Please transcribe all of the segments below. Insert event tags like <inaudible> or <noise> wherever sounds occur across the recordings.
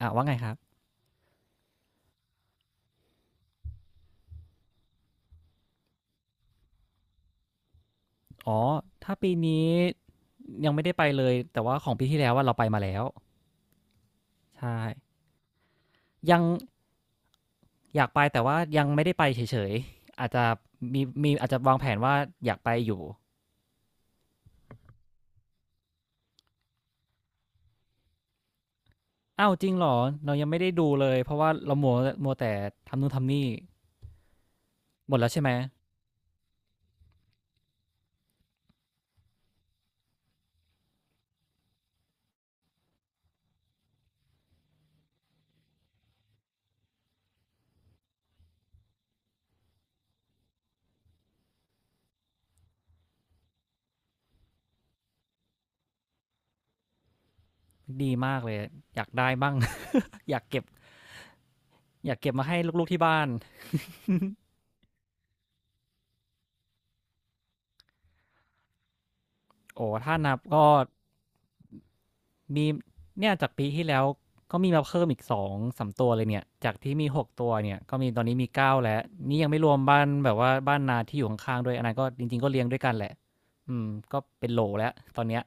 อ่ะว่าไงครับอ๋อถ้าปีนี้ยังไม่ได้ไปเลยแต่ว่าของปีที่แล้วว่าเราไปมาแล้วใช่ยังอยากไปแต่ว่ายังไม่ได้ไปเฉยๆอาจจะมีอาจจะวางแผนว่าอยากไปอยู่อ้าวจริงเหรอเรายังไม่ได้ดูเลยเพราะว่าเรามัวแต่ทำนู่นทำนี่หมดแล้วใช่ไหมดีมากเลยอยากได้บ้าง <laughs> อยากเก็บอยากเก็บมาให้ลูกๆที่บ้านโอ้ถ้านับก็ มีเนี่ยจากปีที่แล้วก็มีมาเพิ่มอีกสองสามตัวเลยเนี่ยจากที่มีหกตัวเนี่ยก็มีตอนนี้มีเก้าแล้วนี่ยังไม่รวมบ้านแบบว่าบ้านนาที่อยู่ข้างๆด้วยอันนั้นก็จริงๆก็เลี้ยงด้วยกันแหละอืมก็เป็นโหลแล้วตอนเนี้ย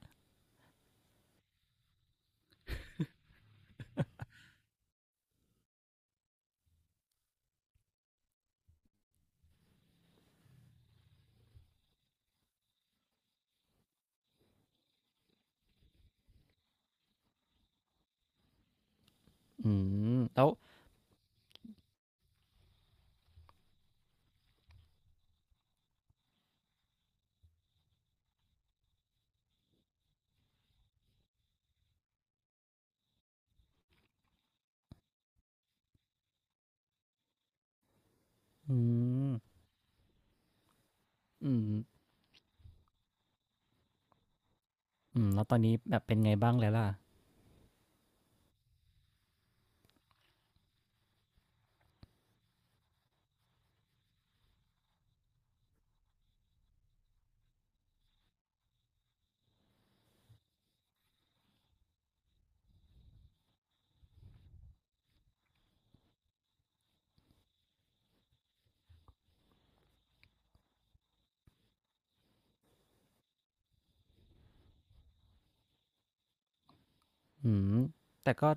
อืมแล้วอืมอืมอืมแล้วตอนนี้แบบเป็นไงบ้างแล้วล่ะอืมแต่ก็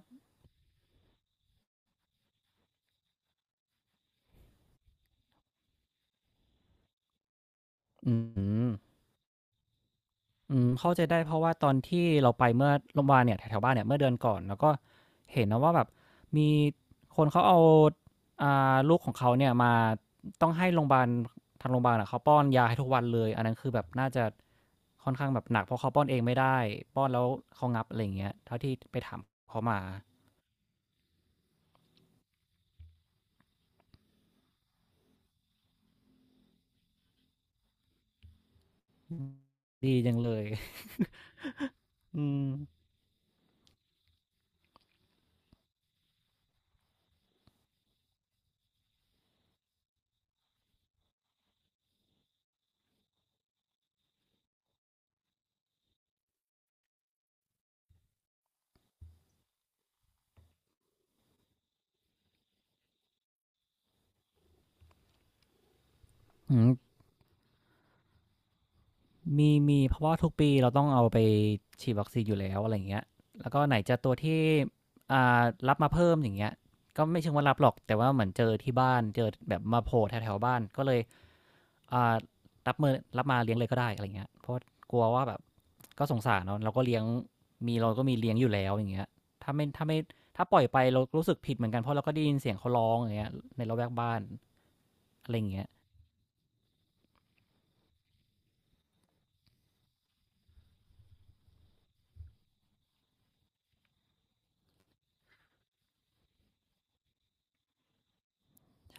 อืม อืมเข้าใจได้เพราะว่าตอนที่เราไปเมื่อโรงบาลเนี่ยแถวๆบ้านเนี่ยเมื่อเดือนก่อนแล้วก็เห็นนะว่าแบบมีคนเขาเอาอ่าลูกของเขาเนี่ยมาต้องให้โรงบาลทางโรงบาลอะเขาป้อนยาให้ทุกวันเลยอันนั้นคือแบบน่าจะค่อนข้างแบบหนักเพราะเขาป้อนเองไม่ได้ป้อนแล้วเขางับอะไรอย่างเงี้ยเท่าที่ไปถามเขามา <laughs> อืมดีจังเลย <laughs> อืมอืม มีเพราะว่าทุกปีเราต้องเอาไปฉีดวัคซีนอยู่แล้วอะไรอย่างเงี้ยแล้วก็ไหนจะตัวที่อ่ารับมาเพิ่มอย่างเงี้ยก็ไม่เชิงว่ารับหรอกแต่ว่าเหมือนเจอที่บ้านเจอแบบมาโผล่แถวๆบ้านก็เลยอ่ารับมาเลี้ยงเลยก็ได้อะไรเงี้ยเพราะกลัวว่าแบบก็สงสารเนาะเราก็เลี้ยงมีเราก็มีเลี้ยงอยู่แล้วอย่างเงี้ยถ้าไม่ถ้าไม่ถ้าปล่อยไปเรารู้สึกผิดเหมือนกันเพราะเราก็ได้ยินเสียงเขาร้องอย่างเงี้ยในระแวกบ้านอะไรอย่างเงี้ย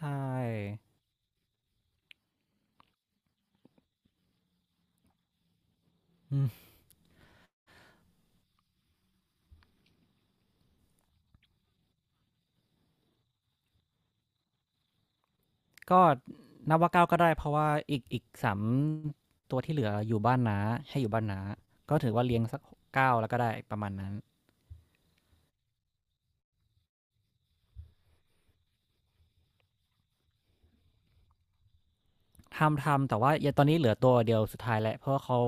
ใช่อื ก็นับว่าเก้าก็ได้เพราะว่าอีกสามตัวที่เหลืออยู่บ้านน้าให้อยู่บ้านน้าก็ถือว่าเลี้ยงสักเก้าแล้วก็ได้ประมาณนั้นทำแต่ว่ายังตอนนี้เหลือตัวเดียวสุดท้ายแหละเพราะว่าเขา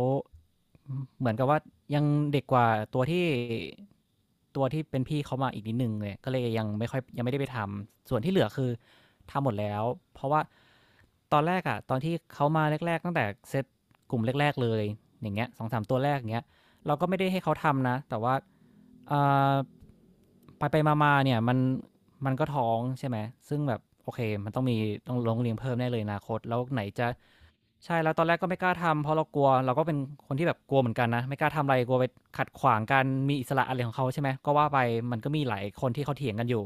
เหมือนกับว่ายังเด็กกว่าตัวที่ตัวที่เป็นพี่เขามาอีกนิดนึงเลยก็เลยยังไม่ได้ไปทำส่วนที่เหลือคือ ทำหมดแล้วเพราะว่าตอนแรกอะตอนที่เขามาแรกๆตั้งแต่เซตกลุ่มแรกๆเลยอย่างเงี้ยสองถึงสามตัวแรกอย่างเงี้ยเราก็ไม่ได้ให้เขาทำนะแต่ว่าไปไปมาๆเนี่ยมันก็ท้องใช่ไหมซึ่งแบบโอเคมันต้องมีต้องลงเรียนเพิ่มแน่เลยอนาคตแล้วไหนจะใช่แล้วตอนแรกก็ไม่กล้าทำเพราะเรากลัวเราก็เป็นคนที่แบบกลัวเหมือนกันนะไม่กล้าทำอะไรกลัวไปขัดขวางการมีอิสระอะไรของเขาใช่ไหมก็ว่าไปมันก็มีหลายคนที่เขาเถียงกันอยู่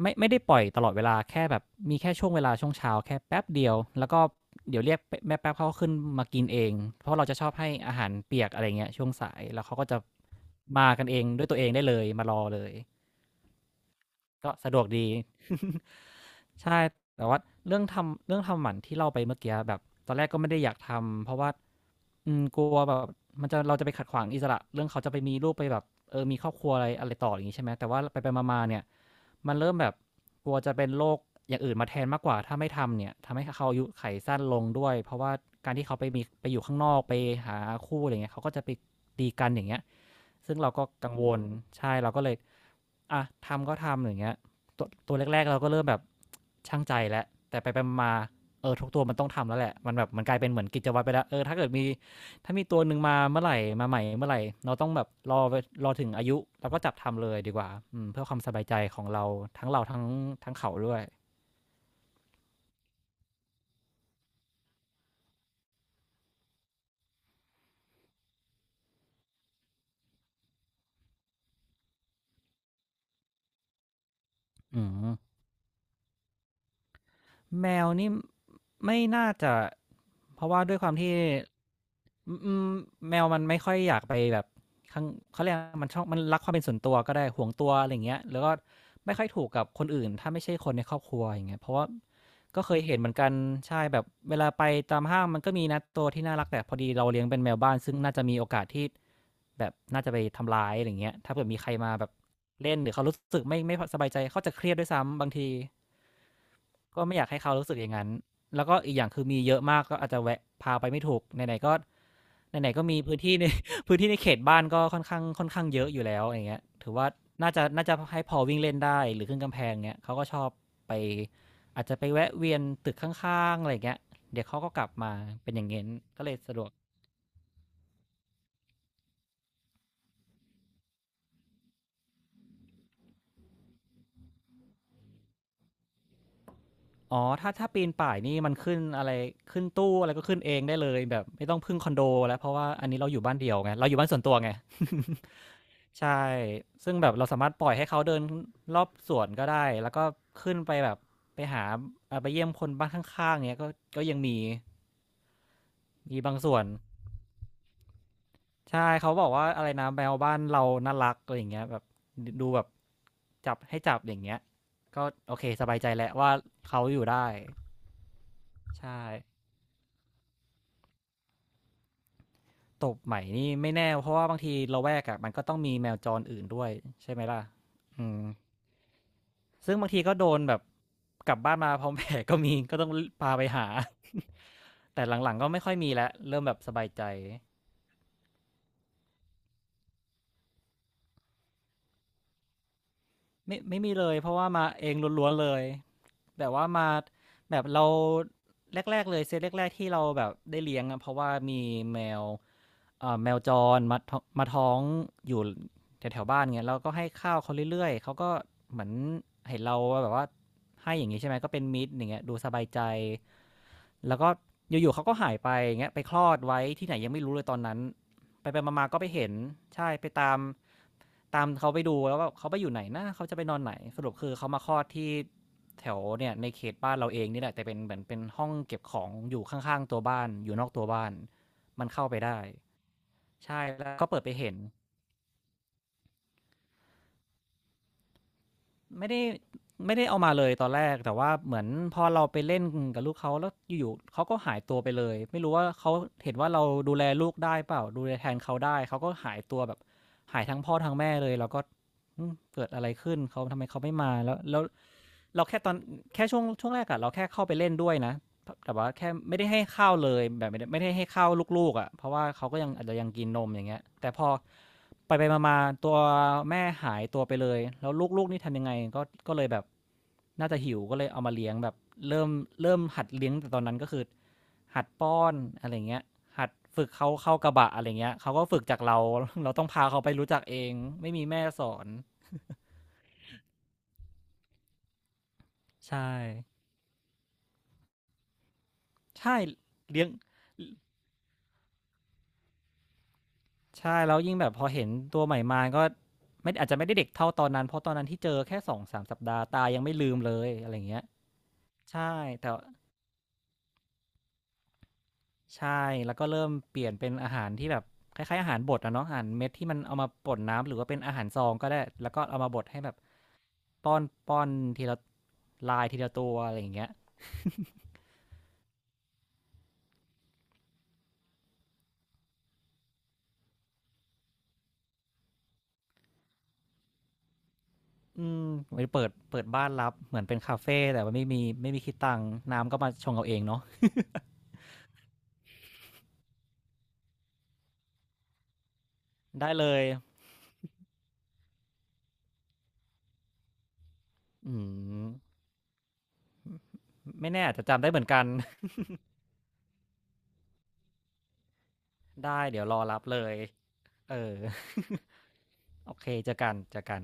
ไม่ได้ปล่อยตลอดเวลาแค่แบบมีแค่ช่วงเวลาช่วงเช้าแค่แป๊บเดียวแล้วก็เดี๋ยวเรียกแม่แป๊บเขาขึ้นมากินเองเพราะเราจะชอบให้อาหารเปียกอะไรเงี้ยช่วงสายแล้วเขาก็จะมากันเองด้วยตัวเองได้เลยมารอเลยก็สะดวกดี <laughs> ใช่แต่ว่าเรื่องทำหมันที่เล่าไปเมื่อกี้แบบตอนแรกก็ไม่ได้อยากทำเพราะว่ากลัวแบบมันจะเราจะไปขัดขวางอิสระเรื่องเขาจะไปมีลูกไปแบบเออมีครอบครัวอะไรอะไรต่ออย่างนี้ใช่ไหมแต่ว่าไปไปมาๆเนี่ย มันเริ่มแบบกลัวจะเป็นโรคอย่างอื่นมาแทนมากกว่าถ้าไม่ทำเนี่ยทำให้เขาอายุไขสั้นลงด้วยเพราะว่าการที่เขาไปมีไปอยู่ข้างนอกไปหาคู่อะไรเงี้ยเขาก็จะไปตีกันอย่างเงี้ยซึ่งเราก็กังวลใช่เราก็เลย อ่ะทำก็ทำอย่างเงี้ยตัวแรกๆเราก็เริ่มแบบช่างใจแล้วแต่ไปไปมาๆเออทุกตัวมันต้องทำแล้วแหละมันแบบมันกลายเป็นเหมือนกิจวัตรไปแล้วเออถ้าเกิดมีถ้ามีตัวหนึ่งมาเมื่อไหร่มาใหม่เมื่อไหร่เราต้องแบบรอถึงอายุแล้วก็จับทำเลยดีกว่าเพื่อความสบายใจของเราทั้งเราทั้งเขาด้วยอืม แมวนี่ไม่น่าจะเพราะว่าด้วยความที่อืมอืมแมวมันไม่ค่อยอยากไปแบบข้างเขาเรียกมันชอบมันรักความเป็นส่วนตัวก็ได้ห่วงตัวอะไรอย่างเงี้ยแล้วก็ไม่ค่อยถูกกับคนอื่นถ้าไม่ใช่คนในครอบครัวอย่างเงี้ยเพราะว่าก็เคยเห็นเหมือนกันใช่แบบเวลาไปตามห้างมันก็มีนะตัวที่น่ารักแต่พอดีเราเลี้ยงเป็นแมวบ้านซึ่งน่าจะมีโอกาสที่แบบน่าจะไปทำร้ายอะไรอย่างเงี้ยถ้าเกิดมีใครมาแบบเล่นหรือเขารู้สึกไม่พสบายใจเขาจะเครียดด้วยซ้ำบางที ก็ไม่อยากให้เขารู้สึกอย่างนั้น แล้วก็อีกอย่างคือมีเยอะมากก็อาจจะแวะพาไปไม่ถูกไหนๆก็ไหนๆก็มีพื้นที่ใน <laughs> พื้นที่ในเขตบ้านก็ค่อนข้างค่อนข้างเยอะอยู่แล้วอย่างเงี้ยถือว่าน่าจะให้พอวิ่งเล่นได้หรือขึ้นกำแพงเงี้ยเขาก็ชอบไปอาจจะไปแวะเวียนตึกข้างๆอะไรเงี้ยเดี๋ยวเขาก็กลับมาเป็นอย่างเงี้ยก็เลยสะดวก อ๋อถ้าปีนป่ายนี่มันขึ้นอะไรขึ้นตู้อะไรก็ขึ้นเองได้เลยแบบไม่ต้องพึ่งคอนโดแล้วเพราะว่าอันนี้เราอยู่บ้านเดี่ยวไงเราอยู่บ้านส่วนตัวไง <laughs> ใช่ซึ่งแบบเราสามารถปล่อยให้เขาเดินรอบสวนก็ได้แล้วก็ขึ้นไปแบบไปหาไปเยี่ยมคนบ้านข้างๆเนี้ยก็ก็ยังมีมีบางส่วนใช่เขาบอกว่าอะไรนะแมวบ้านเราน่ารักอะไรอย่างเงี้ยแบบดูแบบจับให้จับอย่างเงี้ยก็โอเคสบายใจแล้วว่าเขาอยู่ได้ใช่ ตบใหม่นี่ไม่แน่เพราะว่าบางทีละแวกอะมันก็ต้องมีแมวจรอื่นด้วยใช่ไหมล่ะอืมซึ่งบางทีก็โดนแบบกลับบ้านมาพร้อมแผลก็มีก็ต้องพาไปหา <laughs> แต่หลังๆก็ไม่ค่อยมีแล้วเริ่มแบบสบายใจไม่มีเลยเพราะว่ามาเองล้วนๆเลยแบบว่ามาแบบเราแรกๆเลยเซตแรกๆที่เราแบบได้เลี้ยงอะเพราะว่ามีแมว แมวจรมาท้องอยู่แถวๆบ้านเงี้ยแล้วก็ให้ข้าวเขาเรื่อยๆเขาก็เหมือนเห็นเราแบบว่าให้อย่างงี้ใช่ไหมก็เป็นมิตรอย่างเงี้ยดูสบายใจแล้วก็อยู่ๆเขาก็หายไปอย่างเงี้ยไปคลอดไว้ที่ไหนยังไม่รู้เลยตอนนั้นไปไปมาๆก็ไปเห็นใช่ไปตามเขาไปดูแล้วว่าเขาไปอยู่ไหนนะเขาจะไปนอนไหนสรุปคือเขามาคลอดที่แถวเนี่ยในเขตบ้านเราเองนี่แหละแต่เป็นเหมือนเป็นห้องเก็บของอยู่ข้างๆตัวบ้านอยู่นอกตัวบ้านมันเข้าไปได้ ใช่แล้วก็เปิดไปเห็นไม่ได้ไม่ได้เอามาเลยตอนแรกแต่ว่าเหมือนพอเราไปเล่นกับลูกเขาแล้วอยู่ๆเขาก็หายตัวไปเลยไม่รู้ว่าเขาเห็นว่าเราดูแลลูกได้เปล่าดูแลแทนเขาได้เขาก็หายตัวแบบหายทั้งพ่อทั้งแม่เลยเราก็อืมเกิดอะไรขึ้นเขาทำไมเขาไม่มาแล้วเราแค่ตอนแค่ช่วงแรกอะเราแค่เข้าไปเล่นด้วยนะ แต่ว่าแค่ไม่ได้ให้ข้าวเลยแบบไม่ได้ให้ข้าวลูกๆอ่ะเพราะว่าเขาก็ยังอาจจะยังกินนมอย่างเงี้ยแต่พอไปไปมาๆตัวแม่หายตัวไปเลยแล้วลูกๆนี่ทำยังไงก็ก็เลยแบบน่าจะหิวก็เลยเอามาเลี้ยงแบบเริ่มเริ่มหัดเลี้ยงแต่ตอนนั้นก็คือหัดป้อนอะไรเงี้ยหัดฝึกเขาเข้ากระบะอะไรเงี้ยเขาก็ฝึกจากเราเราต้องพาเขาไปรู้จักเองไม่มีแม่สอนใช่ใช่เลี้ยง ใช่แล้วยิ่งแบบพอเห็นตัวใหม่มาก็ไม่อาจจะไม่ได้เด็กเท่าตอนนั้นเพราะตอนนั้นที่เจอแค่2-3สามสัปดาห์ตายังไม่ลืมเลยอะไรอย่างเงี้ยใช่แต่ใช่แล้วก็เริ่มเปลี่ยนเป็นอาหารที่แบบคล้ายๆอาหารบดอะเนาะอาหารเม็ดที่มันเอามาป่นน้ำหรือว่าเป็นอาหารซองก็ได้แล้วก็เอามาบดให้แบบป้อนป้อนทีละลายทีละตัวอะไรอย่างเงี้ย <laughs> อืมไปเปิดบ้านรับเหมือนเป็นคาเฟแต่ว่าไม่มีคิดตังค์น้ำก็มาชงเอาเองเนาะได้เลยอืม ไม่แน่อาจจะจำได้เหมือนกัน <laughs> ได้เดี๋ยวรอรับเลยเออ <laughs> โอเคเจอกันเจอกัน